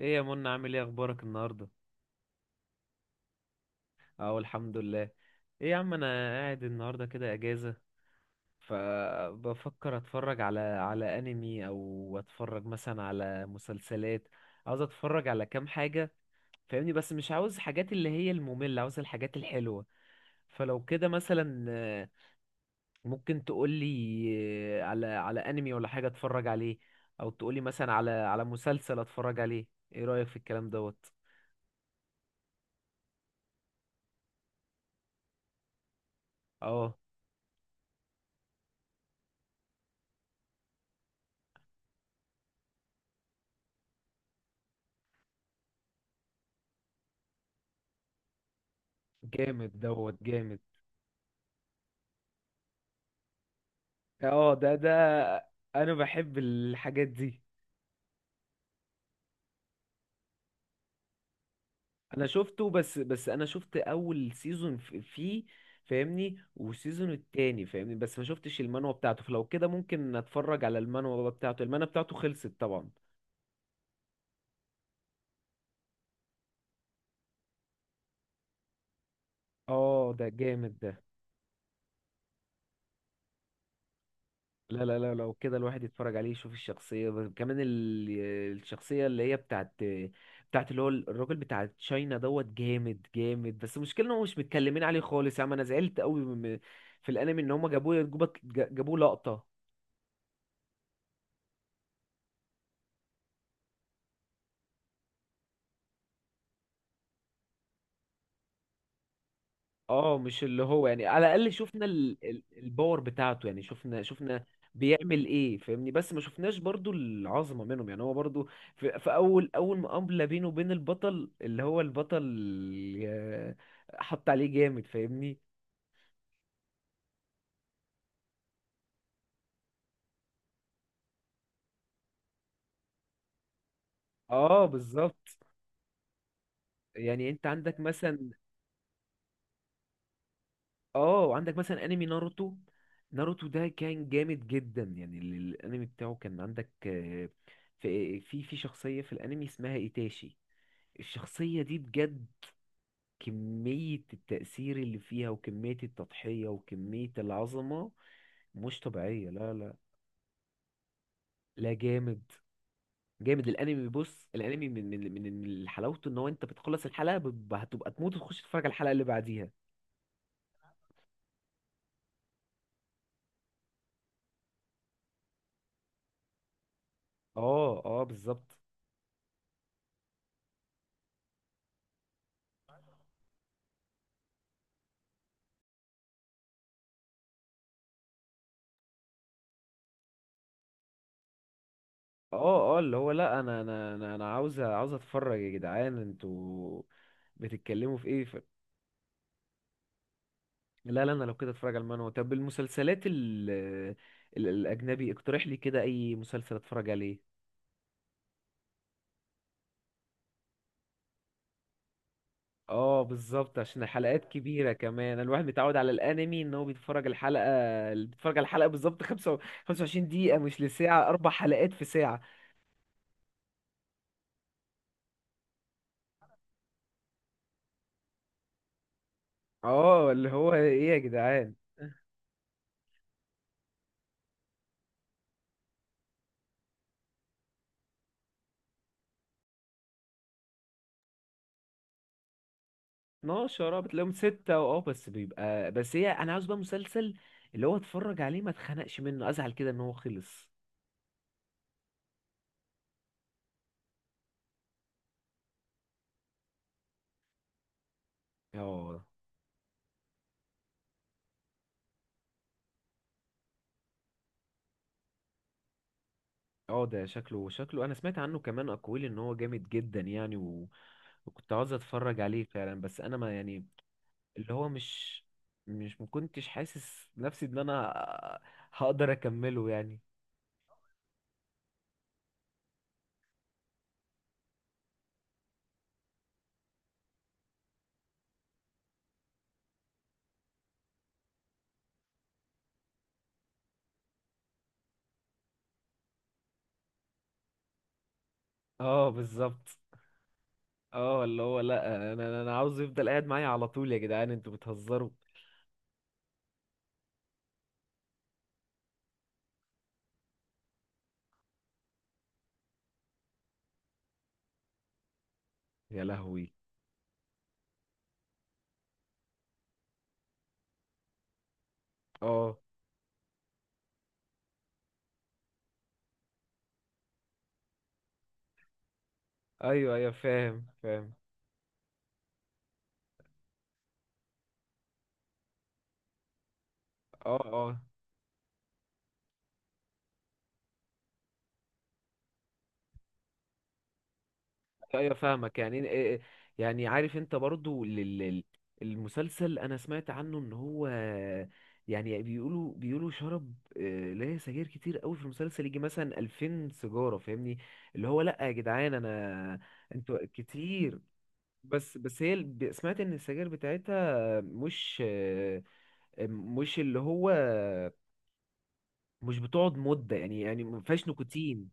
ايه يا منى؟ عامل ايه اخبارك النهارده؟ اهو الحمد لله. ايه يا عم، انا قاعد النهارده كده اجازه، فبفكر اتفرج على انمي، او اتفرج مثلا على مسلسلات. عاوز اتفرج على كام حاجه فاهمني، بس مش عاوز حاجات اللي هي الممله، عاوز الحاجات الحلوه. فلو كده مثلا ممكن تقولي على انمي ولا حاجه اتفرج عليه، او تقولي مثلا على مسلسل اتفرج عليه. ايه رايك في الكلام دوت؟ اه. جامد دوت جامد. اه، ده انا بحب الحاجات دي. انا شفته، بس انا شفت اول سيزون فيه فاهمني، والسيزون التاني فاهمني، بس ما شفتش المانوا بتاعته. فلو كده ممكن اتفرج على المانوا بتاعته. المانوا بتاعته خلصت طبعا. اه ده جامد ده. لا لا لا، لو كده الواحد يتفرج عليه يشوف الشخصية، بس كمان الشخصية اللي هي بتاعت اللي هو الراجل بتاع تشاينا دوت. جامد جامد، بس المشكلة ان هو مش متكلمين عليه خالص. يا عم انا زعلت قوي في الانمي ان هما جابوه لقطة. اه مش اللي هو، يعني على الاقل شفنا الباور بتاعته، يعني شفنا بيعمل ايه فاهمني، بس ما شفناش برضو العظمه منهم. يعني هو برضو في اول مقابله بينه وبين البطل اللي هو البطل، آه، حط عليه جامد فاهمني. اه بالظبط، يعني انت عندك مثلا، اه عندك مثلا انمي ناروتو. ناروتو ده كان جامد جدا. يعني الانمي بتاعه كان عندك، في في شخصيه في الانمي اسمها ايتاشي. الشخصية دي بجد كمية التأثير اللي فيها وكمية التضحية وكمية العظمة مش طبيعية. لا لا لا، جامد جامد الانمي. بص الانمي من حلاوته ان هو انت بتخلص الحلقة هتبقى تموت وتخش تتفرج على الحلقة اللي بعديها. اه اه بالظبط. اه اه اللي هو، لا انا عاوز اتفرج. يا جدعان انتوا بتتكلموا في ايه لا لا، انا لو كده اتفرج على المانهوا. طب المسلسلات الاجنبي اقترح لي كده اي مسلسل اتفرج عليه. اه بالظبط، عشان الحلقات كبيرة. كمان الواحد متعود على الانمي ان هو بيتفرج الحلقة، اللي بيتفرج على الحلقة بالظبط 25 دقيقة، مش لساعة، اربع حلقات في ساعة. اه اللي هو ايه يا جدعان؟ 12، اه بتلاقيهم ستة، اه. بس بيبقى، بس هي انا عاوز بقى مسلسل اللي هو اتفرج عليه ما اتخنقش منه، ازعل كده ان هو خلص. اه اه، ده شكله، انا سمعت عنه كمان اقوال ان هو جامد جدا، يعني وكنت عاوز اتفرج عليه فعلا. بس انا ما يعني، اللي هو مش، مكنتش حاسس نفسي ان انا هقدر اكمله يعني. اه بالظبط. اه اللي هو لا، انا عاوز يفضل قاعد معايا على طول. يا جدعان انتوا بتهزروا. يا لهوي. اه. ايوه ايوه، فاهم فاهم. اه اه ايوه، فاهمك يعني إيه- إيه- إيه، يعني عارف انت برضو المسلسل، انا سمعت عنه ان هو، يعني، بيقولوا شرب اللي هي سجاير كتير قوي في المسلسل، يجي مثلا 2000 سيجاره فاهمني. اللي هو لا يا جدعان، انا انتوا كتير. بس هي سمعت ان السجاير بتاعتها مش مش اللي هو، مش بتقعد مده يعني. ما فيهاش نيكوتين.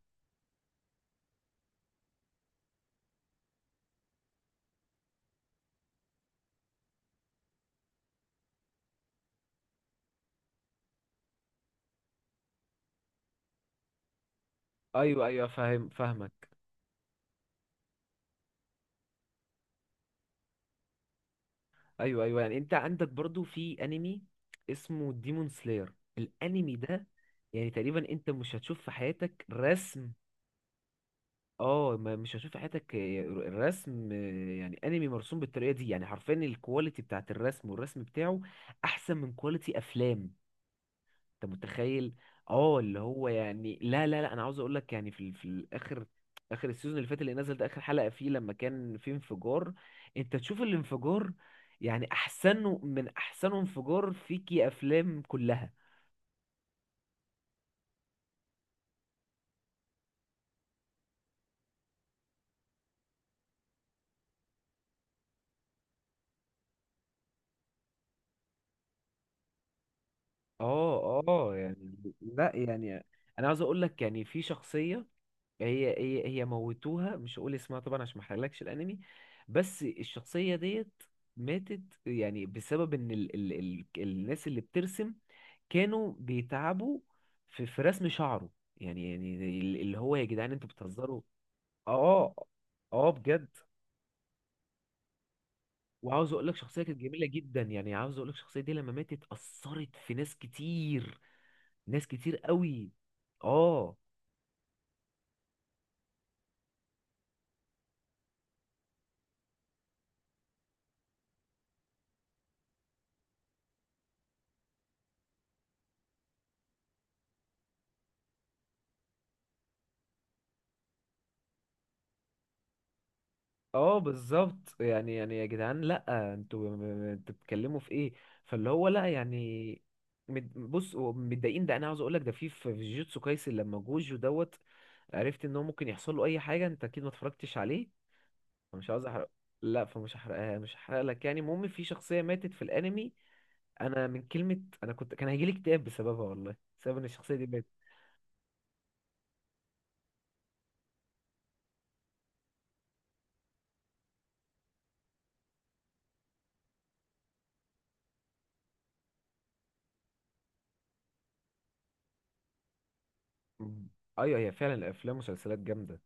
ايوه ايوه، فاهم فاهمك. ايوه ايوه، يعني انت عندك برضو في انمي اسمه ديمون سلاير. الانمي ده يعني تقريبا انت مش هتشوف في حياتك رسم، اه مش هتشوف في حياتك رسم، يعني انمي مرسوم بالطريقه دي. يعني حرفيا الكواليتي بتاعت الرسم والرسم بتاعه احسن من كواليتي افلام. انت متخيل؟ اه اللي هو يعني لا لا لا، انا عاوز اقول لك يعني في في الاخر، اخر السيزون اللي فات اللي نزل ده، اخر حلقة فيه لما كان في انفجار، انت تشوف الانفجار يعني احسن من احسن انفجار فيكي افلام كلها. اه اه يعني لا، يعني انا عاوز اقول لك يعني في شخصية، هي موتوها، مش هقول اسمها طبعا عشان ما احرقلكش الانمي. بس الشخصيه ديت ماتت، يعني بسبب ان ال ال ال الناس اللي بترسم كانوا بيتعبوا في رسم شعره. يعني اللي هو، يا جدعان انتوا بتهزروا. اه اه بجد. وعاوز اقول لك شخصيه كانت جميله جدا، يعني عاوز اقول لك الشخصيه دي لما ماتت اثرت في ناس كتير، ناس كتير قوي. اه اه بالظبط. يعني يا جدعان لا، انتوا انتوا بتتكلموا في ايه؟ فاللي هو لا يعني، بص هو متضايقين ده، انا عاوز اقول لك ده في في جيتسو كايسن لما جوجو دوت. عرفت ان هو ممكن يحصل له اي حاجه. انت اكيد ما اتفرجتش عليه، فمش عاوز احرق، لا فمش هحرقها، مش هحرق لك يعني. المهم في شخصيه ماتت في الانمي، انا من كلمه انا كنت، كان هيجيلي اكتئاب بسببها والله، بسبب ان الشخصيه دي ماتت. ايوه هي فعلا الافلام والمسلسلات جامده.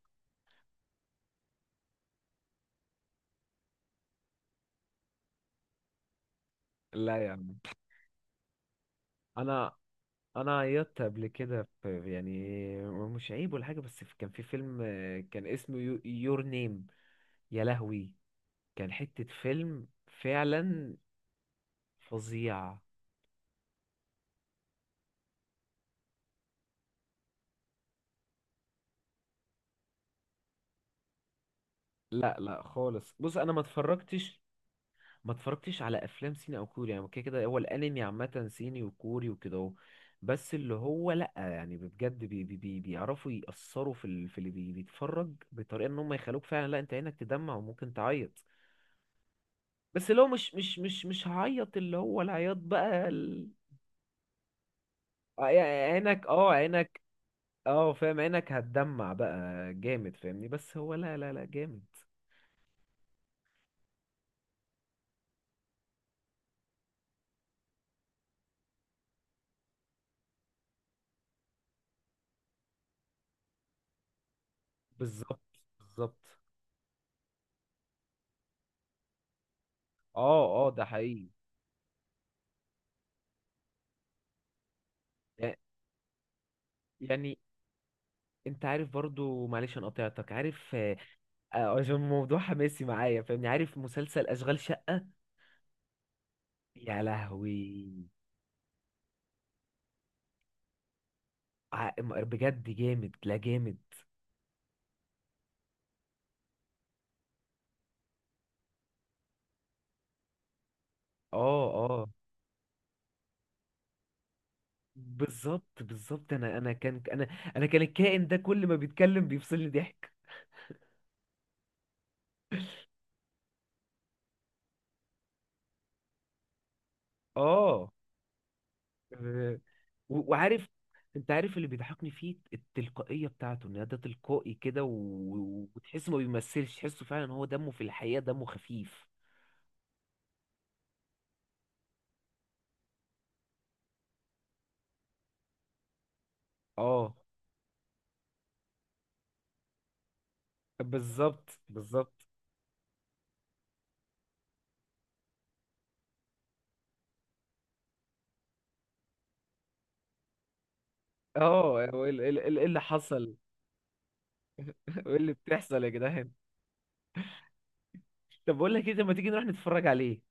لا يا عم، انا انا عيطت قبل كده، في يعني، مش عيب ولا حاجه، بس كان في فيلم، كان اسمه يور نيم. يا لهوي كان حته فيلم فعلا فظيع. لا لا خالص، بص انا ما اتفرجتش، ما اتفرجتش على افلام صيني او كوري. يعني كده كده هو الانمي عامه صيني وكوري وكده اهو. بس اللي هو لا يعني بجد، بي بي بي بيعرفوا يأثروا في اللي بيتفرج، بطريقه ان هم يخلوك فعلا، لا انت عينك تدمع وممكن تعيط. بس لو مش، مش هعيط اللي هو العياط بقى يعني عينك، عينك، اه فاهم، عينك هتدمع بقى جامد فاهمني. بس هو لا لا لا جامد. بالظبط بالظبط. اه اه ده حقيقي. يع- يعني انت عارف برضو، معلش انا قطعتك عارف عشان الموضوع حماسي معايا فاهمني. عارف مسلسل اشغال شقة؟ يا لهوي. بجد جامد، لا جامد. اه آه. بالظبط بالظبط. انا انا كان الكائن ده كل ما بيتكلم بيفصلني ضحك. اه آه، وعارف، انت عارف اللي بيضحكني فيه التلقائية بتاعته، ان ده تلقائي كده، و- وتحسه ما بيمثلش، تحسه فعلا هو دمه في الحقيقة دمه خفيف. اه بالظبط بالظبط. اه هو ايه إيه اللي حصل؟ ايه اللي بتحصل يا جدعان؟ طب بقول لك ايه، طب ما تيجي نروح نتفرج عليه؟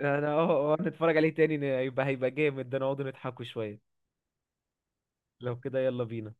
انا اه نتفرج عليه تاني يبقى هيبقى جامد ده، نقعد نضحكوا شوية. لو كده يلا بينا.